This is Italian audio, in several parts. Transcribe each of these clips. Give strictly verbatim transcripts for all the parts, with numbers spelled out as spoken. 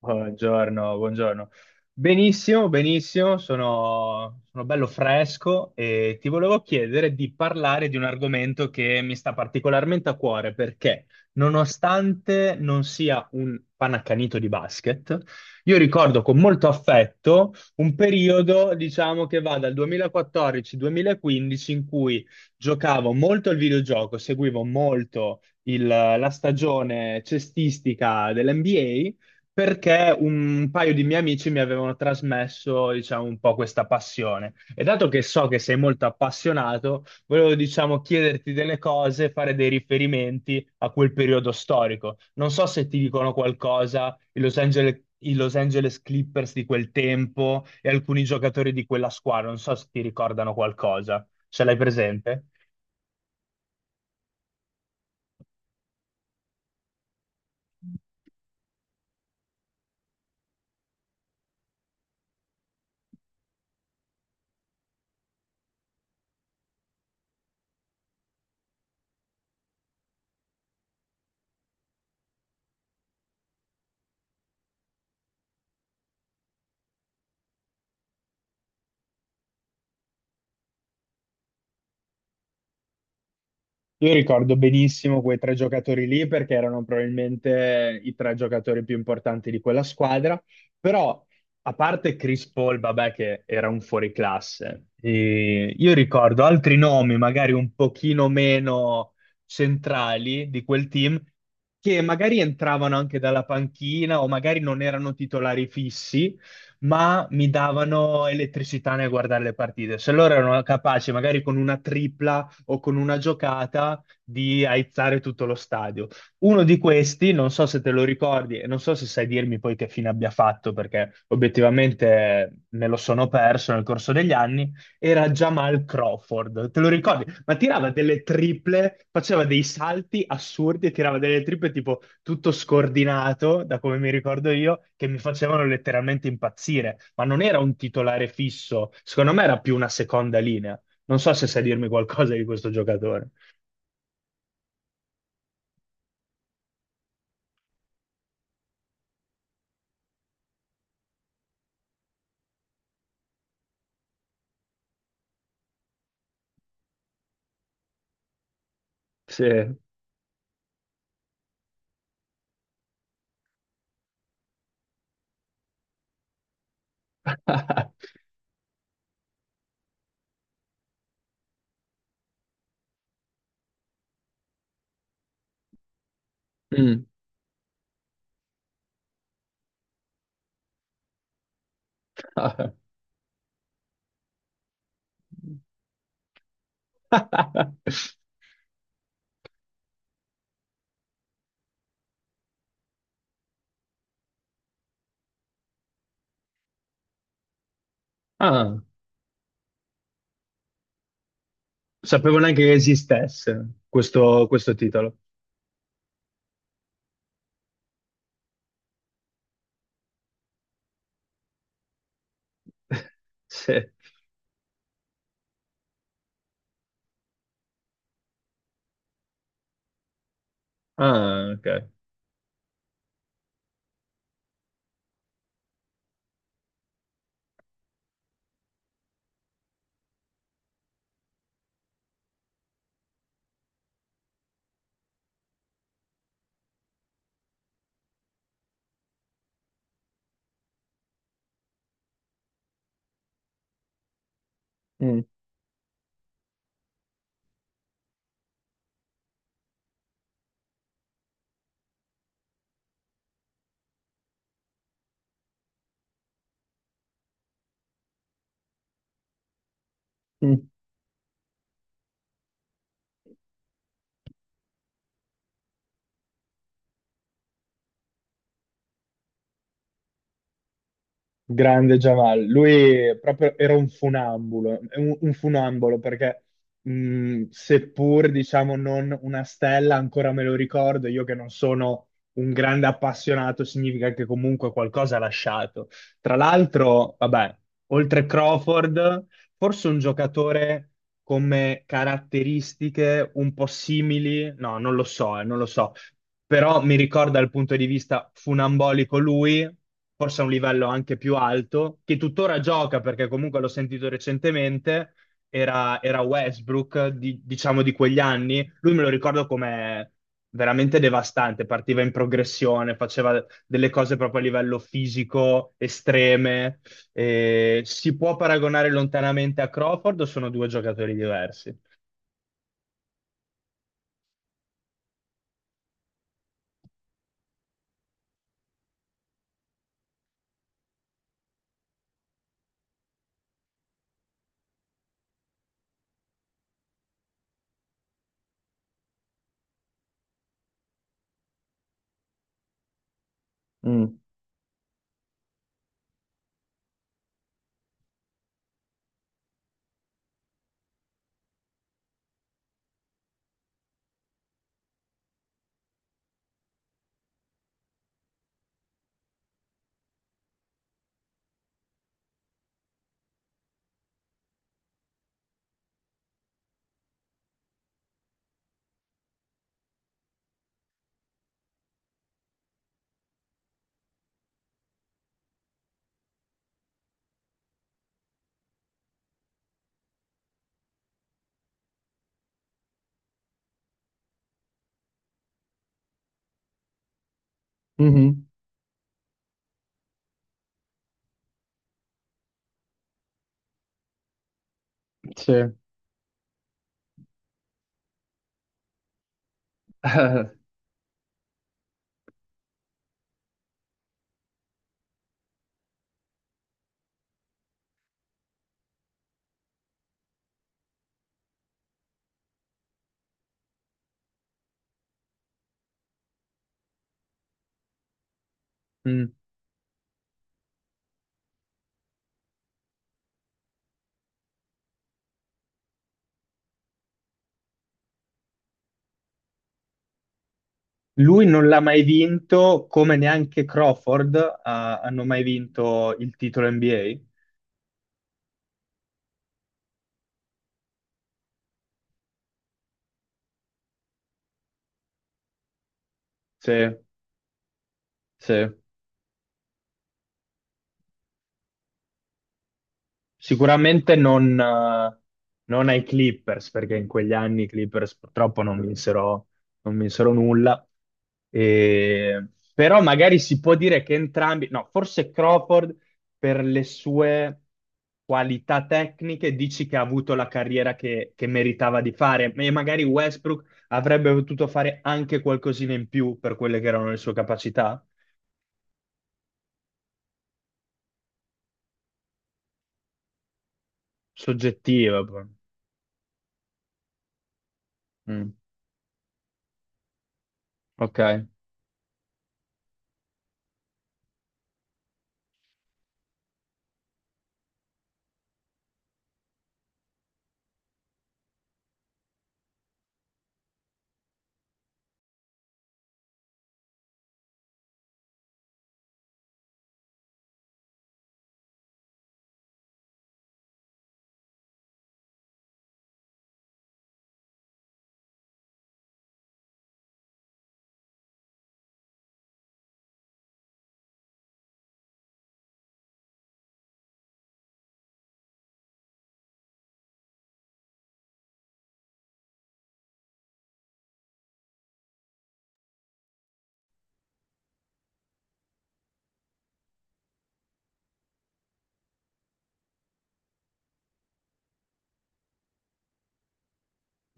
Buongiorno, buongiorno. Benissimo, benissimo, sono, sono bello fresco e ti volevo chiedere di parlare di un argomento che mi sta particolarmente a cuore perché, nonostante non sia un panaccanito di basket, io ricordo con molto affetto un periodo, diciamo, che va dal duemilaquattordici-duemilaquindici in cui giocavo molto al videogioco, seguivo molto il- la stagione cestistica dell'N B A perché un paio di miei amici mi avevano trasmesso, diciamo, un po' questa passione. E dato che so che sei molto appassionato, volevo, diciamo, chiederti delle cose, fare dei riferimenti a quel periodo storico. Non so se ti dicono qualcosa i Los Angeles, i Los Angeles Clippers di quel tempo e alcuni giocatori di quella squadra, non so se ti ricordano qualcosa. Ce l'hai presente? Io ricordo benissimo quei tre giocatori lì perché erano probabilmente i tre giocatori più importanti di quella squadra, però a parte Chris Paul, vabbè, che era un fuoriclasse, e io ricordo altri nomi magari un pochino meno centrali di quel team che magari entravano anche dalla panchina o magari non erano titolari fissi, ma mi davano elettricità nel guardare le partite. Se loro erano capaci magari con una tripla o con una giocata di aizzare tutto lo stadio. Uno di questi, non so se te lo ricordi e non so se sai dirmi poi che fine abbia fatto, perché obiettivamente me lo sono perso nel corso degli anni, era Jamal Crawford. Te lo ricordi? Ma tirava delle triple, faceva dei salti assurdi e tirava delle triple tipo tutto scordinato, da come mi ricordo io, che mi facevano letteralmente impazzire. Ma non era un titolare fisso, secondo me era più una seconda linea. Non so se sai dirmi qualcosa di questo giocatore. Sì. Mm. Ah, sapevo neanche che esistesse questo, questo titolo. Sì. Ah, ok. Mm. Mm. Grande Jamal, lui proprio era un funambulo, è un, un funambolo perché mh, seppur diciamo non una stella, ancora me lo ricordo, io che non sono un grande appassionato, significa che comunque qualcosa ha lasciato. Tra l'altro, vabbè, oltre Crawford, forse un giocatore come caratteristiche un po' simili, no, non lo so, eh, non lo so, però mi ricorda dal punto di vista funambolico lui, forse a un livello anche più alto, che tuttora gioca perché comunque l'ho sentito recentemente, era, era Westbrook, di- diciamo di quegli anni, lui me lo ricordo come veramente devastante, partiva in progressione, faceva delle cose proprio a livello fisico estreme, eh, si può paragonare lontanamente a Crawford o sono due giocatori diversi? Mm. Mhm. Sì. Mm. Lui non l'ha mai vinto, come neanche Crawford, ha- hanno mai vinto il titolo N B A? Sì, sì. Sicuramente non, eh, non ai Clippers, perché in quegli anni i Clippers purtroppo non vinsero, non vinsero nulla. E- però magari si può dire che entrambi, no, forse Crawford per le sue qualità tecniche dici che ha avuto la carriera che, che meritava di fare, e magari Westbrook avrebbe potuto fare anche qualcosina in più per quelle che erano le sue capacità soggettive. Poi. Mm, ok.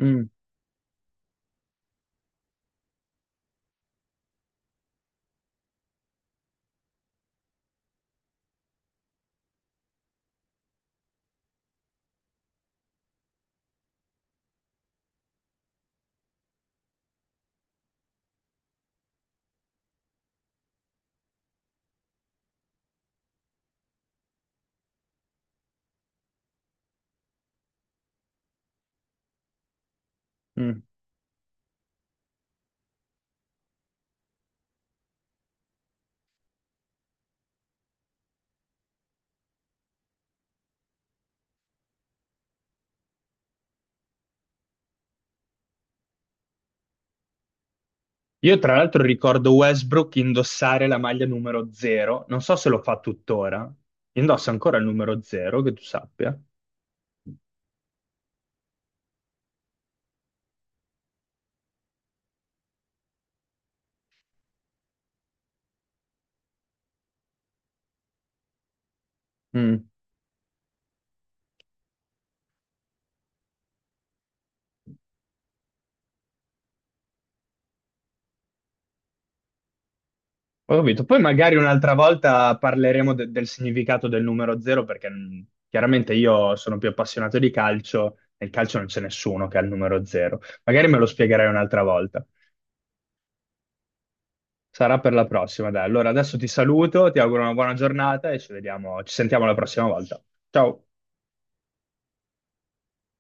Mm, mm. Io tra l'altro ricordo Westbrook indossare la maglia numero zero, non so se lo fa tuttora, indossa ancora il numero zero, che tu sappia. Mm, Ho capito. Poi magari un'altra volta parleremo de- del significato del numero zero perché mm, chiaramente io sono più appassionato di calcio, nel calcio non c'è nessuno che ha il numero zero. Magari me lo spiegherai un'altra volta. Sarà per la prossima, dai. Allora adesso ti saluto, ti auguro una buona giornata e ci vediamo, ci sentiamo la prossima volta. Ciao.